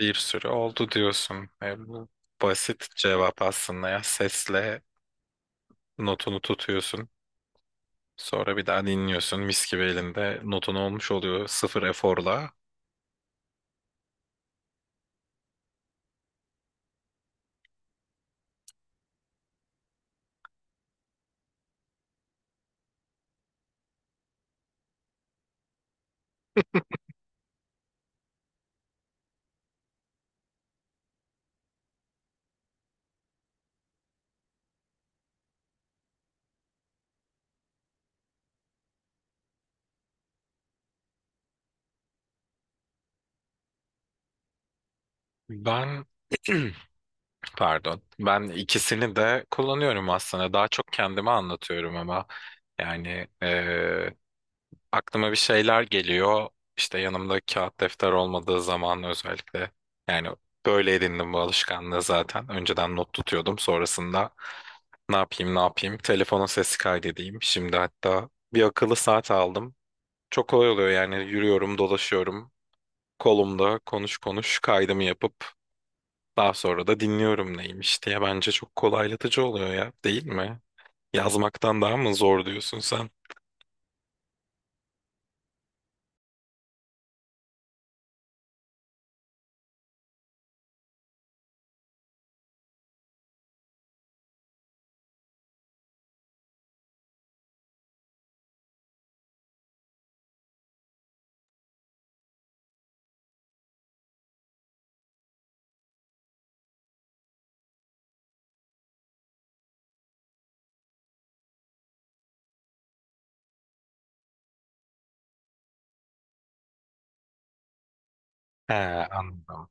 Bir sürü oldu diyorsun. Bu basit cevap aslında ya. Sesle notunu tutuyorsun. Sonra bir daha dinliyorsun. Mis gibi elinde notun olmuş oluyor. Sıfır eforla. Ben pardon. Ben ikisini de kullanıyorum aslında. Daha çok kendime anlatıyorum ama yani aklıma bir şeyler geliyor. İşte yanımda kağıt defter olmadığı zaman özellikle yani böyle edindim bu alışkanlığı zaten. Önceden not tutuyordum. Sonrasında ne yapayım ne yapayım telefonun sesi kaydedeyim. Şimdi hatta bir akıllı saat aldım. Çok kolay oluyor yani yürüyorum dolaşıyorum. Kolumda konuş konuş kaydımı yapıp daha sonra da dinliyorum neymiş diye bence çok kolaylatıcı oluyor ya, değil mi? Yazmaktan daha mı zor diyorsun sen? He, anladım.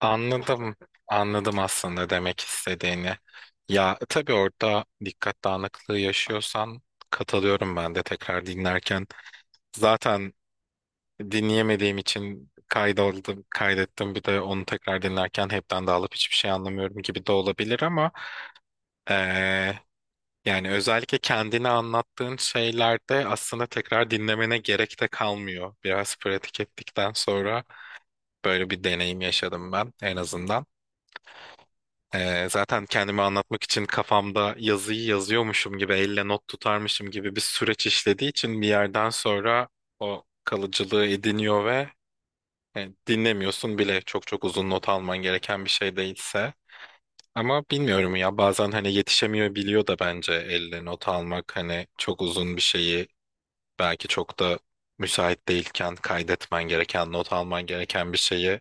Anladım. Anladım aslında demek istediğini. Ya tabii orada dikkat dağınıklığı yaşıyorsan katılıyorum ben de tekrar dinlerken. Zaten dinleyemediğim için kaydoldu, kaydettim bir de onu tekrar dinlerken hepten dağılıp hiçbir şey anlamıyorum gibi de olabilir ama eee, yani özellikle kendini anlattığın şeylerde aslında tekrar dinlemene gerek de kalmıyor. Biraz pratik ettikten sonra böyle bir deneyim yaşadım ben en azından. Zaten kendimi anlatmak için kafamda yazıyı yazıyormuşum gibi, elle not tutarmışım gibi bir süreç işlediği için bir yerden sonra o kalıcılığı ediniyor ve dinlemiyorsun bile çok çok uzun not alman gereken bir şey değilse. Ama bilmiyorum ya bazen hani yetişemiyor biliyor da bence elle not almak hani çok uzun bir şeyi belki çok da müsait değilken kaydetmen gereken, not alman gereken bir şeyi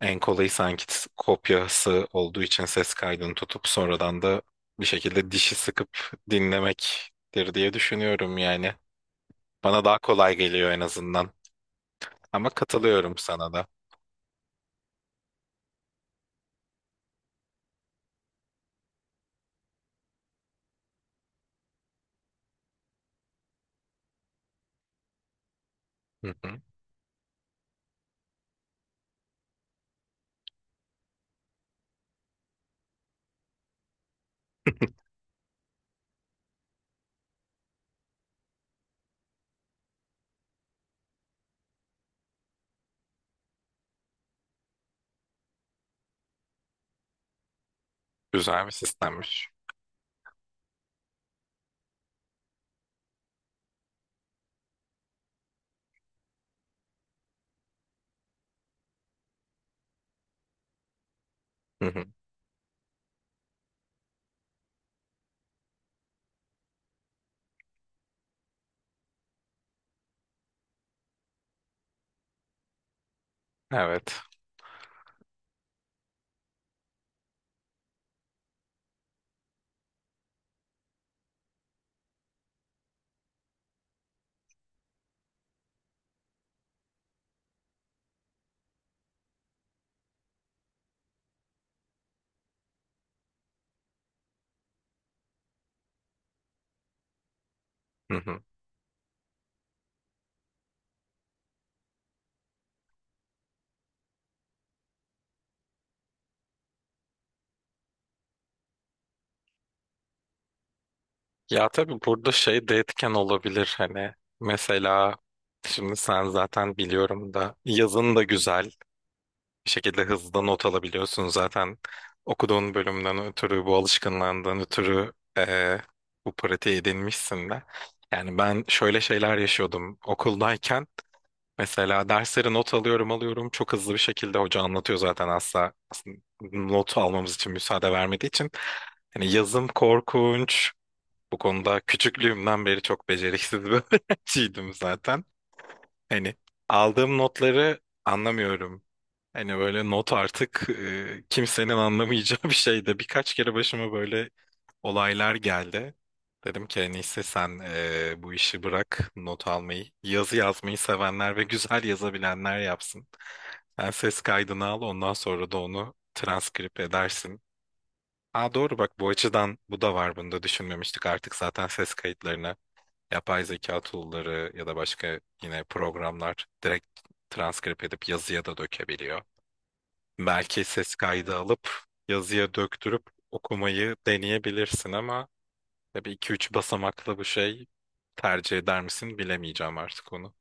en kolayı sanki kopyası olduğu için ses kaydını tutup sonradan da bir şekilde dişi sıkıp dinlemektir diye düşünüyorum yani. Bana daha kolay geliyor en azından. Ama katılıyorum sana da. Hı hı. Güzel bir sistemmiş. Hı hı. Evet. Hı hı. Ya tabii burada şey de etken olabilir hani mesela şimdi sen zaten biliyorum da yazın da güzel bir şekilde hızlı not alabiliyorsun zaten. Okuduğun bölümden ötürü, bu alışkanlığından ötürü bu pratiği edinmişsin de. Yani ben şöyle şeyler yaşıyordum okuldayken. Mesela dersleri not alıyorum alıyorum. Çok hızlı bir şekilde hoca anlatıyor zaten asla. Aslında not almamız için müsaade vermediği için. Hani yazım korkunç. Bu konuda küçüklüğümden beri çok beceriksiz bir öğrenciydim zaten. Hani aldığım notları anlamıyorum. Hani böyle not artık kimsenin anlamayacağı bir şeydi. Birkaç kere başıma böyle olaylar geldi. Dedim ki en iyisi sen bu işi bırak not almayı. Yazı yazmayı sevenler ve güzel yazabilenler yapsın. Sen ses kaydını al ondan sonra da onu transkrip edersin. Aa doğru bak, bu açıdan bu da var, bunu da düşünmemiştik. Artık zaten ses kayıtlarına yapay zeka tool'ları ya da başka yine programlar direkt transkrip edip yazıya da dökebiliyor. Belki ses kaydı alıp yazıya döktürüp okumayı deneyebilirsin ama tabii iki üç basamaklı bu şey tercih eder misin bilemeyeceğim artık onu.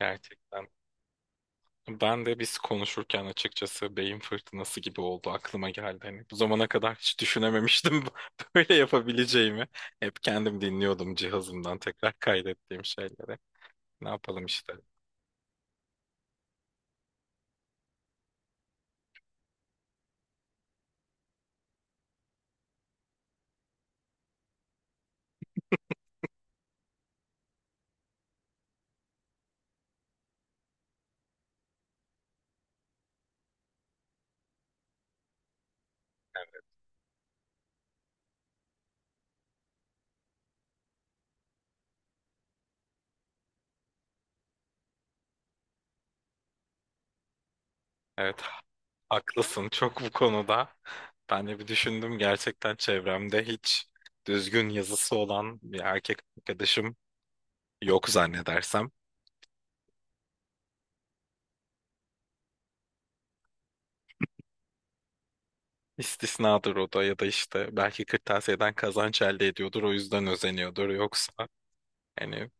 Gerçekten. Ben de biz konuşurken açıkçası beyin fırtınası gibi oldu aklıma geldi. Hani bu zamana kadar hiç düşünememiştim böyle yapabileceğimi. Hep kendim dinliyordum cihazımdan tekrar kaydettiğim şeyleri. Ne yapalım işte. Evet. Haklısın çok bu konuda. Ben de bir düşündüm gerçekten çevremde hiç düzgün yazısı olan bir erkek arkadaşım yok zannedersem. İstisnadır o da ya da işte belki kırtasiyeden kazanç elde ediyordur o yüzden özeniyordur yoksa hani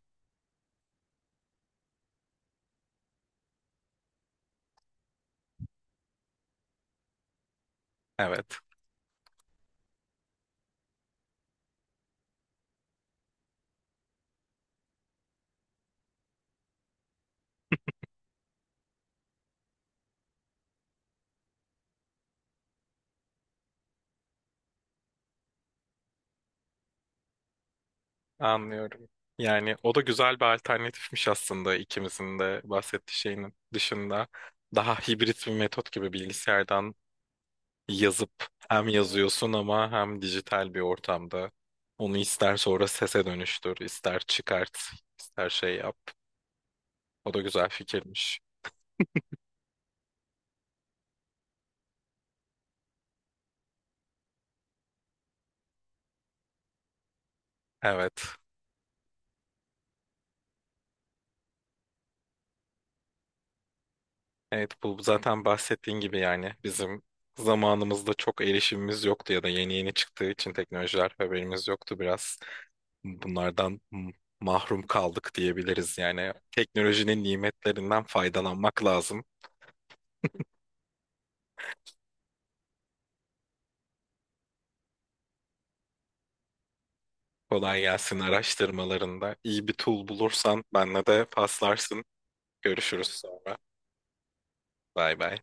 evet, anlıyorum. Yani o da güzel bir alternatifmiş aslında ikimizin de bahsettiği şeyin dışında. Daha hibrit bir metot gibi bilgisayardan yazıp hem yazıyorsun ama hem dijital bir ortamda. Onu ister sonra sese dönüştür, ister çıkart, ister şey yap. O da güzel fikirmiş. Evet. Evet bu zaten bahsettiğin gibi yani bizim zamanımızda çok erişimimiz yoktu ya da yeni yeni çıktığı için teknolojiler haberimiz yoktu biraz. Bunlardan mahrum kaldık diyebiliriz yani. Teknolojinin nimetlerinden faydalanmak lazım. Kolay gelsin araştırmalarında. İyi bir tool bulursan benle de paslarsın. Görüşürüz sonra. Bay bay.